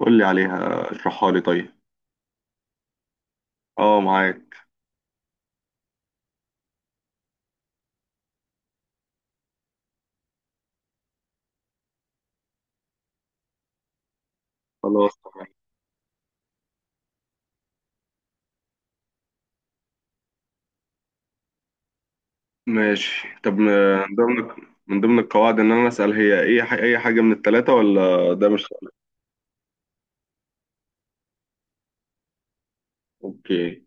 قول لي عليها، اشرحها لي طيب. اه، معاك. خلاص، تمام، ماشي. طب، من ضمن من ضمن القواعد ان انا اسال، هي اي حاجه من الثلاثه، ولا ده مش سؤال؟ اوكي.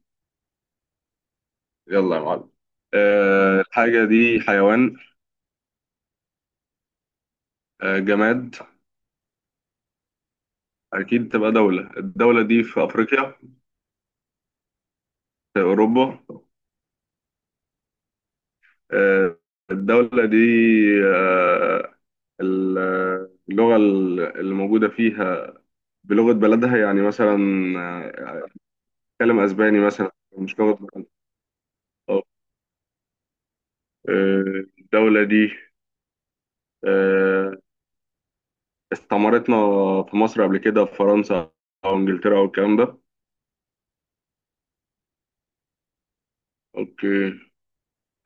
يلا يا معلم. الحاجه دي حيوان؟ جماد؟ اكيد تبقى دوله. الدوله دي في افريقيا؟ في اوروبا؟ أه الدوله دي أه ال- اللغه اللي موجوده فيها، بلغه بلدها يعني مثلا؟ بيتكلم اسباني مثلا، مش لغه بلد؟ اه. الدوله دي آه، استعمرتنا في مصر قبل كده، في فرنسا او انجلترا او الكلام ده؟ اوكي.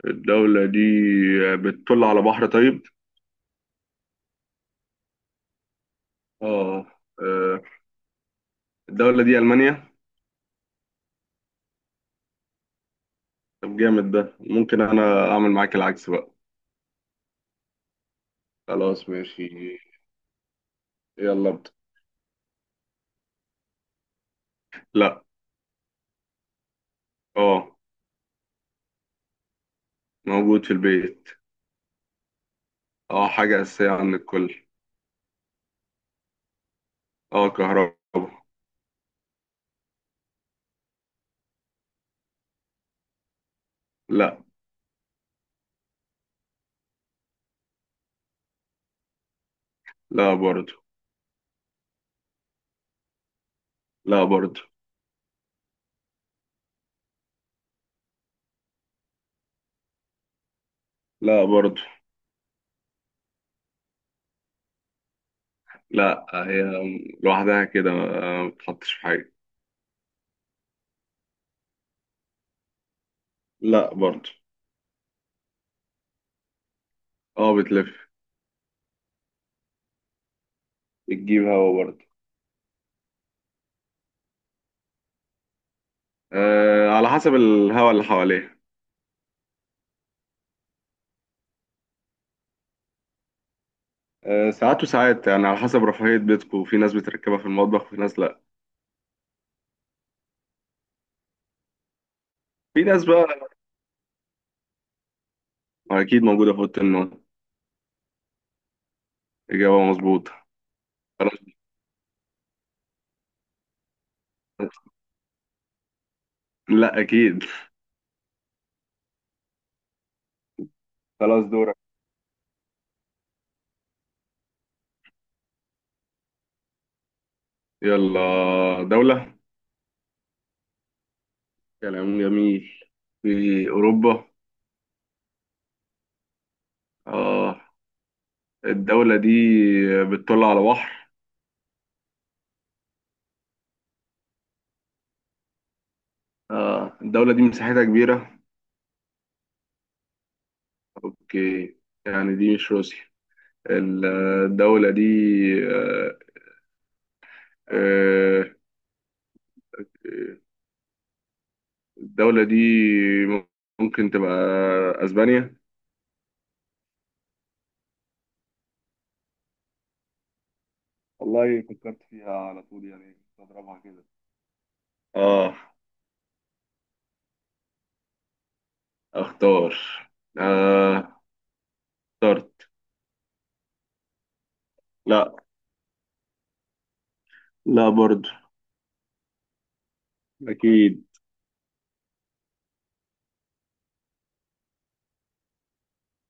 الدوله دي بتطل على بحر؟ طيب. اه. آه، الدوله دي المانيا؟ طب جامد ده. ممكن انا اعمل معاك العكس بقى؟ خلاص، ماشي. يلا، ابدا. لا. اه. موجود في البيت. اه، حاجه اساسيه عند الكل. اه، كهرباء. لا. لا برضه. لا برضه. لا برضه. لا، هي لوحدها كده ما بتحطش في حاجة. لا برضه. اه، بتلف. بتجيب هوا برضه. على حسب الهوا اللي حواليها. ساعات وساعات يعني، على حسب رفاهية بيتكم. في ناس بتركبها في المطبخ وفي ناس لا. في ناس بقى. أكيد موجودة في أوضة النوم. إجابة مظبوطة. خلاص. لا، أكيد. خلاص، دورك. يلا. دولة. كلام جميل. في أوروبا؟ آه. الدولة دي بتطل على بحر؟ الدولة دي مساحتها كبيرة؟ اوكي. يعني دي مش روسيا، الدولة دي؟ آه، آه، الدولة دي ممكن تبقى اسبانيا؟ والله، فكرت فيها على طول يعني، كنت اضربها كده. اه. اختار. آه، اخترت. لا. لا برضو. اكيد.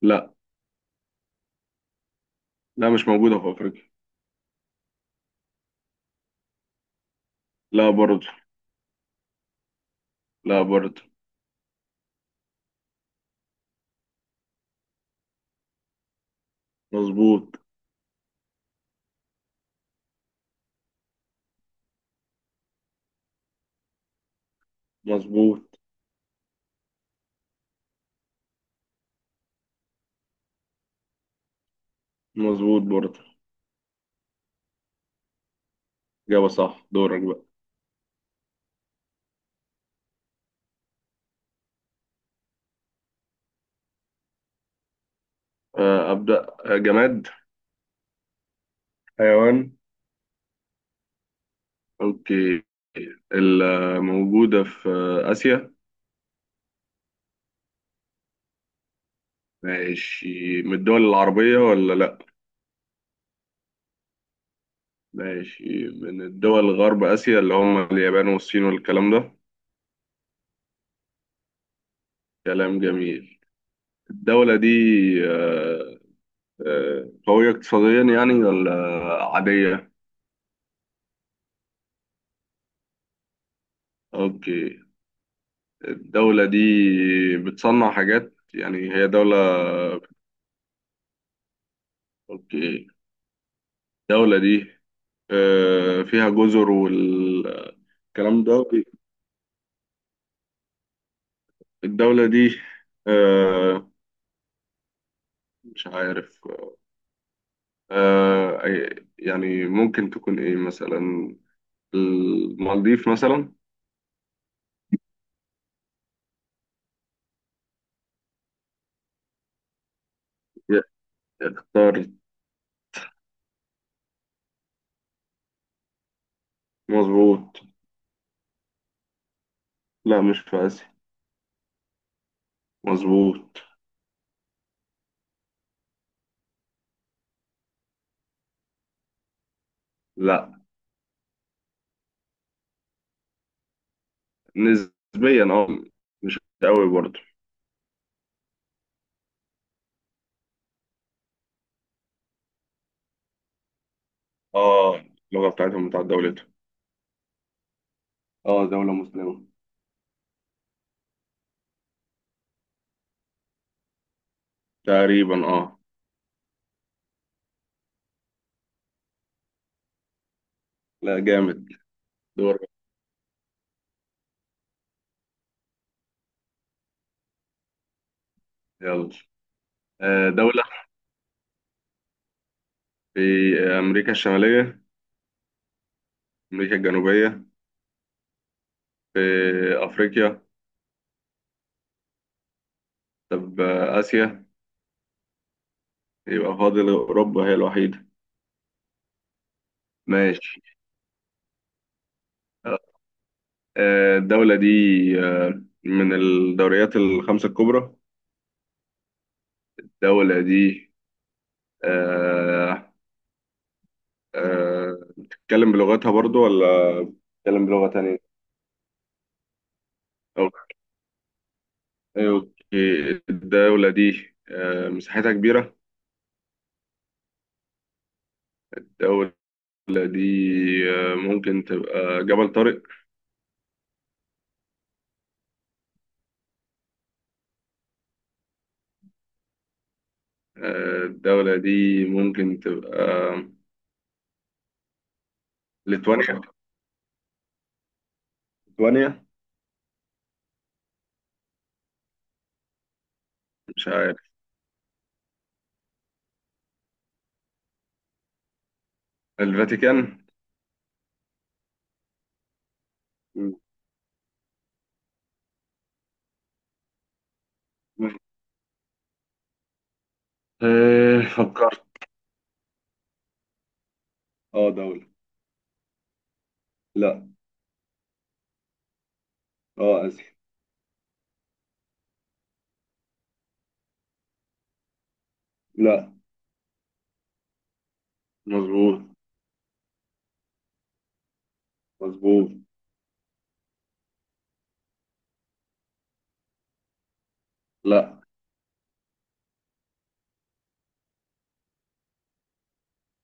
لا. لا، مش موجودة في افريقيا. لا برضو. لا برضو. مظبوط. مظبوط. مظبوط برضو. اجابة صح. دورك بقى. ابدأ. جماد؟ حيوان؟ اوكي. الموجودة في آسيا؟ ماشي. من الدول العربية ولا لأ؟ ماشي. من الدول غرب آسيا اللي هم اليابان والصين والكلام ده؟ كلام جميل. الدولة دي آه، قوية اقتصاديا يعني، ولا عادية؟ أوكي. الدولة دي بتصنع حاجات، يعني هي دولة؟ أوكي. الدولة دي فيها جزر والكلام ده؟ الدولة دي آه مش عارف. يعني ممكن تكون إيه مثلا، المالديف مثلا؟ ي- اخترت. مظبوط. لا، مش في آسيا. مظبوط. لا. نسبيا، اه. مش قوي برضه. اه، اللغة بتاعتهم بتاعت دولتهم. اه، دولة مسلمة. تقريبا، اه. لا، جامد. دور. يلا. دولة. في أمريكا الشمالية؟ أمريكا الجنوبية؟ في أفريقيا؟ طب، آسيا؟ يبقى فاضل أوروبا هي الوحيدة. ماشي. الدولة دي من الدوريات الخمسة الكبرى؟ الدولة دي آه، بتتكلم بلغتها برضو، ولا بتتكلم بلغة تانية؟ أوكي أوكي. الدولة دي مساحتها كبيرة؟ الدولة دي ممكن تبقى جبل طارق؟ الدولة دي ممكن تبقى ليتوانيا؟ ليتوانيا؟ مش عارف. الفاتيكان؟ إيه، فكرت. اه، دولة. لا. اه، آسيا. لا. مظبوط. مظبوط. لا.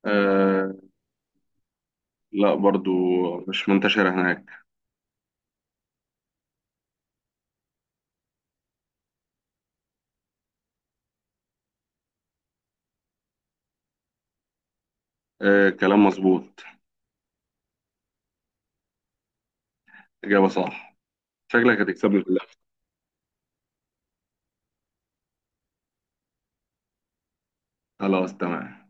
آه. لا برضو، مش منتشرة هناك. آه، كلام مظبوط. إجابة صح. شكلك هتكسبني في اللعبة. خلاص، تمام.